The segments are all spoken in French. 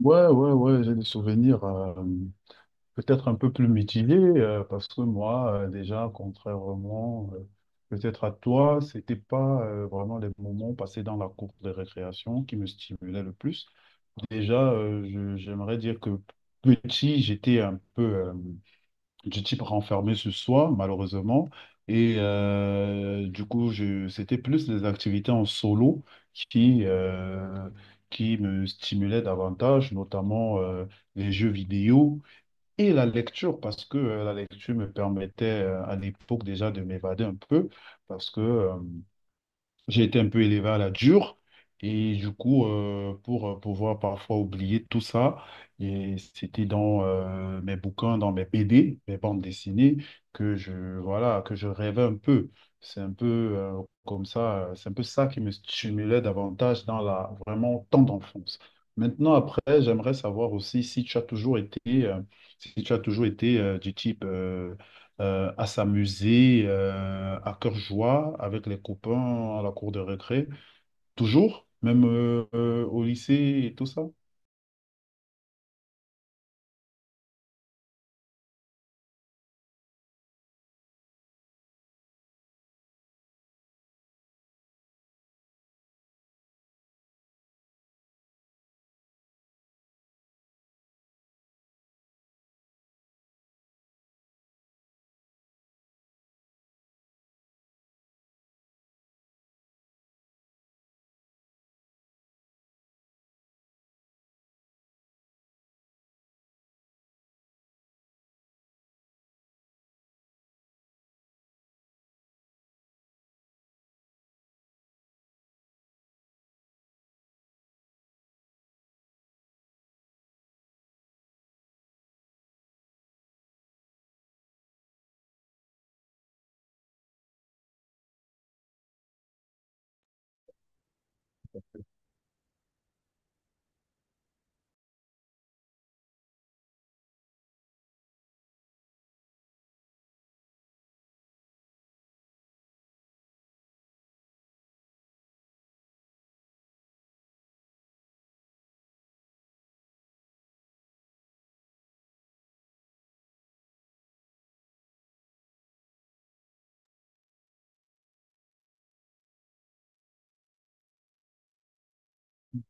Ouais, ouais, ouais, j'ai des souvenirs peut-être un peu plus mitigés, parce que moi, déjà, contrairement peut-être à toi, c'était pas vraiment les moments passés dans la cour de récréation qui me stimulaient le plus. Déjà, j'aimerais dire que petit, j'étais un peu du type renfermé sur soi, malheureusement. Du coup, c'était plus les activités en solo qui, euh, qui me stimulaient davantage, notamment les jeux vidéo et la lecture, parce que la lecture me permettait à l'époque déjà de m'évader un peu, parce que j'ai été un peu élevé à la dure et du coup, pour pouvoir parfois oublier tout ça, et c'était dans mes bouquins, dans mes BD, mes bandes dessinées, que je, voilà, que je rêvais un peu. C'est un peu comme ça, c'est un peu ça qui me stimulait davantage dans la vraiment temps d'enfance. Maintenant, après, j'aimerais savoir aussi si tu as toujours été, si tu as toujours été du type à s'amuser à cœur joie avec les copains à la cour de récré. Toujours, même au lycée et tout ça.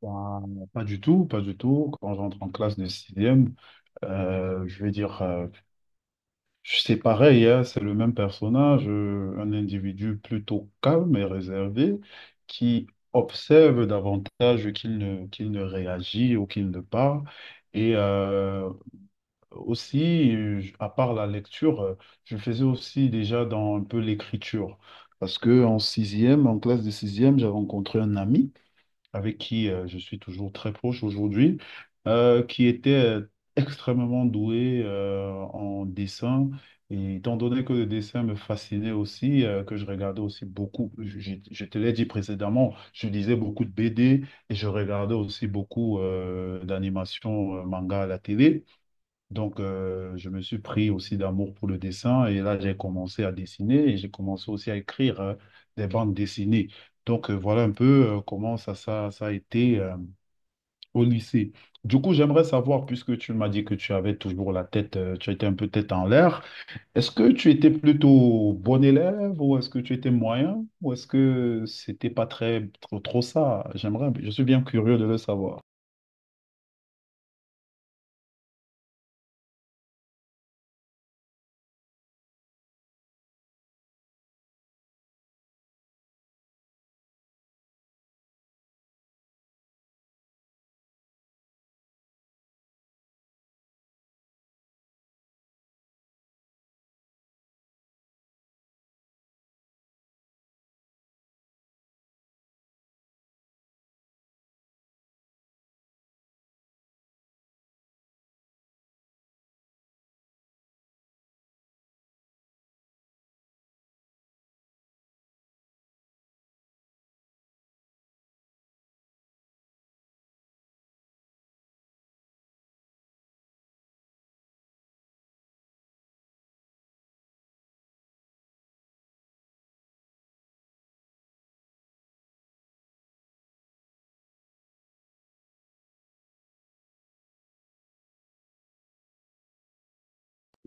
Ben, pas du tout, pas du tout. Quand j'entre en classe de sixième, je vais dire, c'est pareil, hein, c'est le même personnage, un individu plutôt calme et réservé qui observe davantage qu'il ne réagit ou qu'il ne parle. Et euh, Aussi, à part la lecture, je faisais aussi déjà dans un peu l'écriture. Parce que en sixième, en classe de sixième, j'avais rencontré un ami avec qui je suis toujours très proche aujourd'hui, qui était extrêmement doué en dessin. Et étant donné que le dessin me fascinait aussi, que je regardais aussi beaucoup, je te l'ai dit précédemment, je lisais beaucoup de BD et je regardais aussi beaucoup d'animations manga à la télé. Donc, je me suis pris aussi d'amour pour le dessin et là, j'ai commencé à dessiner et j'ai commencé aussi à écrire des bandes dessinées. Donc, voilà un peu comment ça a été au lycée. Du coup, j'aimerais savoir, puisque tu m'as dit que tu avais toujours la tête, tu étais un peu tête en l'air, est-ce que tu étais plutôt bon élève ou est-ce que tu étais moyen ou est-ce que c'était pas très, trop, trop ça? Je suis bien curieux de le savoir.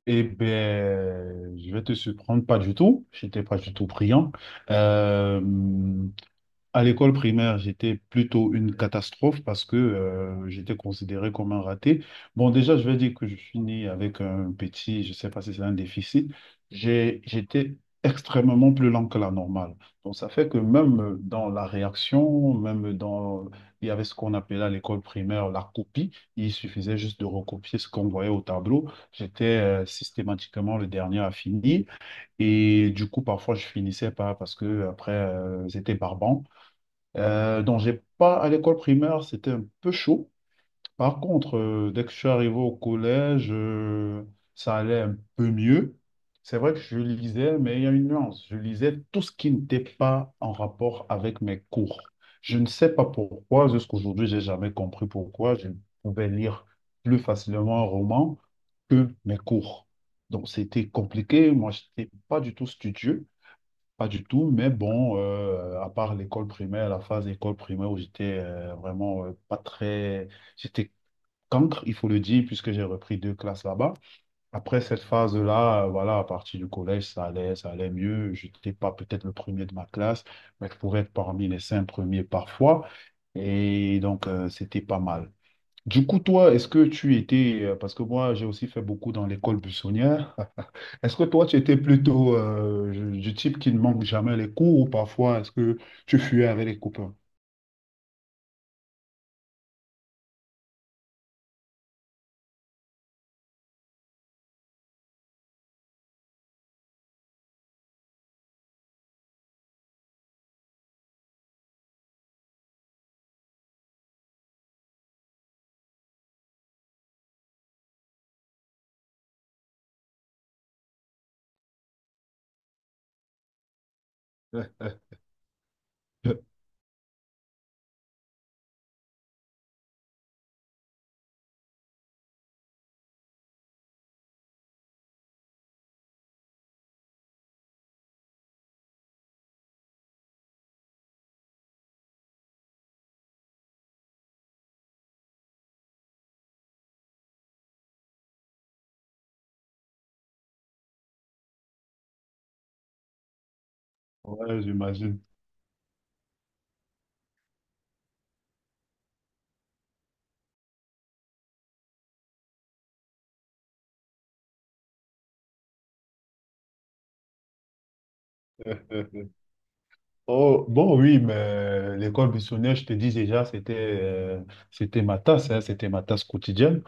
Eh ben, je vais te surprendre, pas du tout. J'étais pas du tout brillant. Euh, à l'école primaire, j'étais plutôt une catastrophe parce que j'étais considéré comme un raté. Bon, déjà, je vais dire que je suis né avec un petit, je ne sais pas si c'est un déficit. J'étais extrêmement plus lent que la normale. Donc, ça fait que même dans la réaction, même dans, il y avait ce qu'on appelait à l'école primaire la copie. Il suffisait juste de recopier ce qu'on voyait au tableau. J'étais systématiquement le dernier à finir. Et du coup, parfois, je finissais pas parce que après, c'était barbant. Donc, j'ai pas à l'école primaire, c'était un peu chaud. Par contre, dès que je suis arrivé au collège, ça allait un peu mieux. C'est vrai que je lisais, mais il y a une nuance. Je lisais tout ce qui n'était pas en rapport avec mes cours. Je ne sais pas pourquoi, jusqu'à aujourd'hui j'ai jamais compris pourquoi je pouvais lire plus facilement un roman que mes cours. Donc, c'était compliqué. Moi, je n'étais pas du tout studieux. Pas du tout, mais bon, à part l'école primaire, la phase école primaire où j'étais vraiment pas très. J'étais cancre, il faut le dire, puisque j'ai repris deux classes là-bas. Après cette phase-là, voilà, à partir du collège, ça allait, mieux. Je n'étais pas peut-être le premier de ma classe, mais je pouvais être parmi les cinq premiers parfois. Et donc, c'était pas mal. Du coup, toi, est-ce que tu étais. Parce que moi, j'ai aussi fait beaucoup dans l'école buissonnière. Est-ce que toi, tu étais plutôt du type qui ne manque jamais les cours ou parfois est-ce que tu fuyais avec les copains? Ouais, j'imagine. Oh, bon, oui, mais l'école buissonnière, je te dis déjà, c'était ma tasse, hein, c'était ma tasse quotidienne.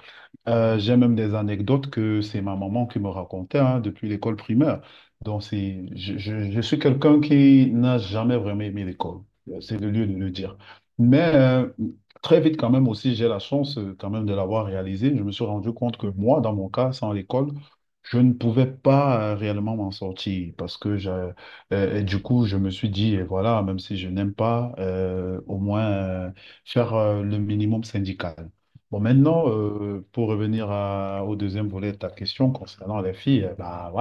J'ai même des anecdotes que c'est ma maman qui me racontait hein, depuis l'école primaire. Donc, je suis quelqu'un qui n'a jamais vraiment aimé l'école. C'est le lieu de le dire. Mais très vite, quand même, aussi, j'ai la chance quand même de l'avoir réalisé. Je me suis rendu compte que moi, dans mon cas, sans l'école, je ne pouvais pas réellement m'en sortir et du coup, je me suis dit, eh, voilà, même si je n'aime pas, au moins faire le minimum syndical. Bon, maintenant, pour revenir au deuxième volet de ta question concernant les filles, bah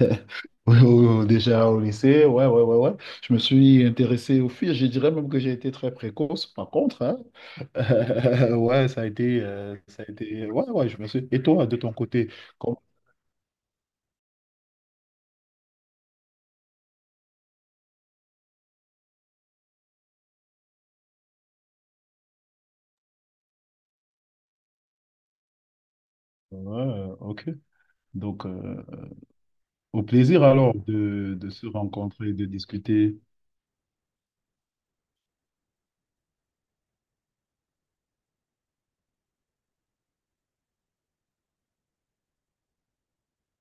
ouais, déjà au lycée, ouais, ouais, ouais, ouais. Je me suis intéressé aux filles, je dirais même que j'ai été très précoce, par contre, hein. Ouais, ça a été, ouais, ouais, je me suis. Et toi, de ton côté, comment- Ouais, ok. Donc, Au plaisir alors de se rencontrer et de discuter.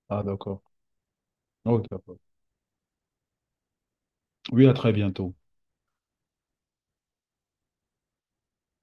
Ah, d'accord. Ok. D'accord. Oui, à très bientôt.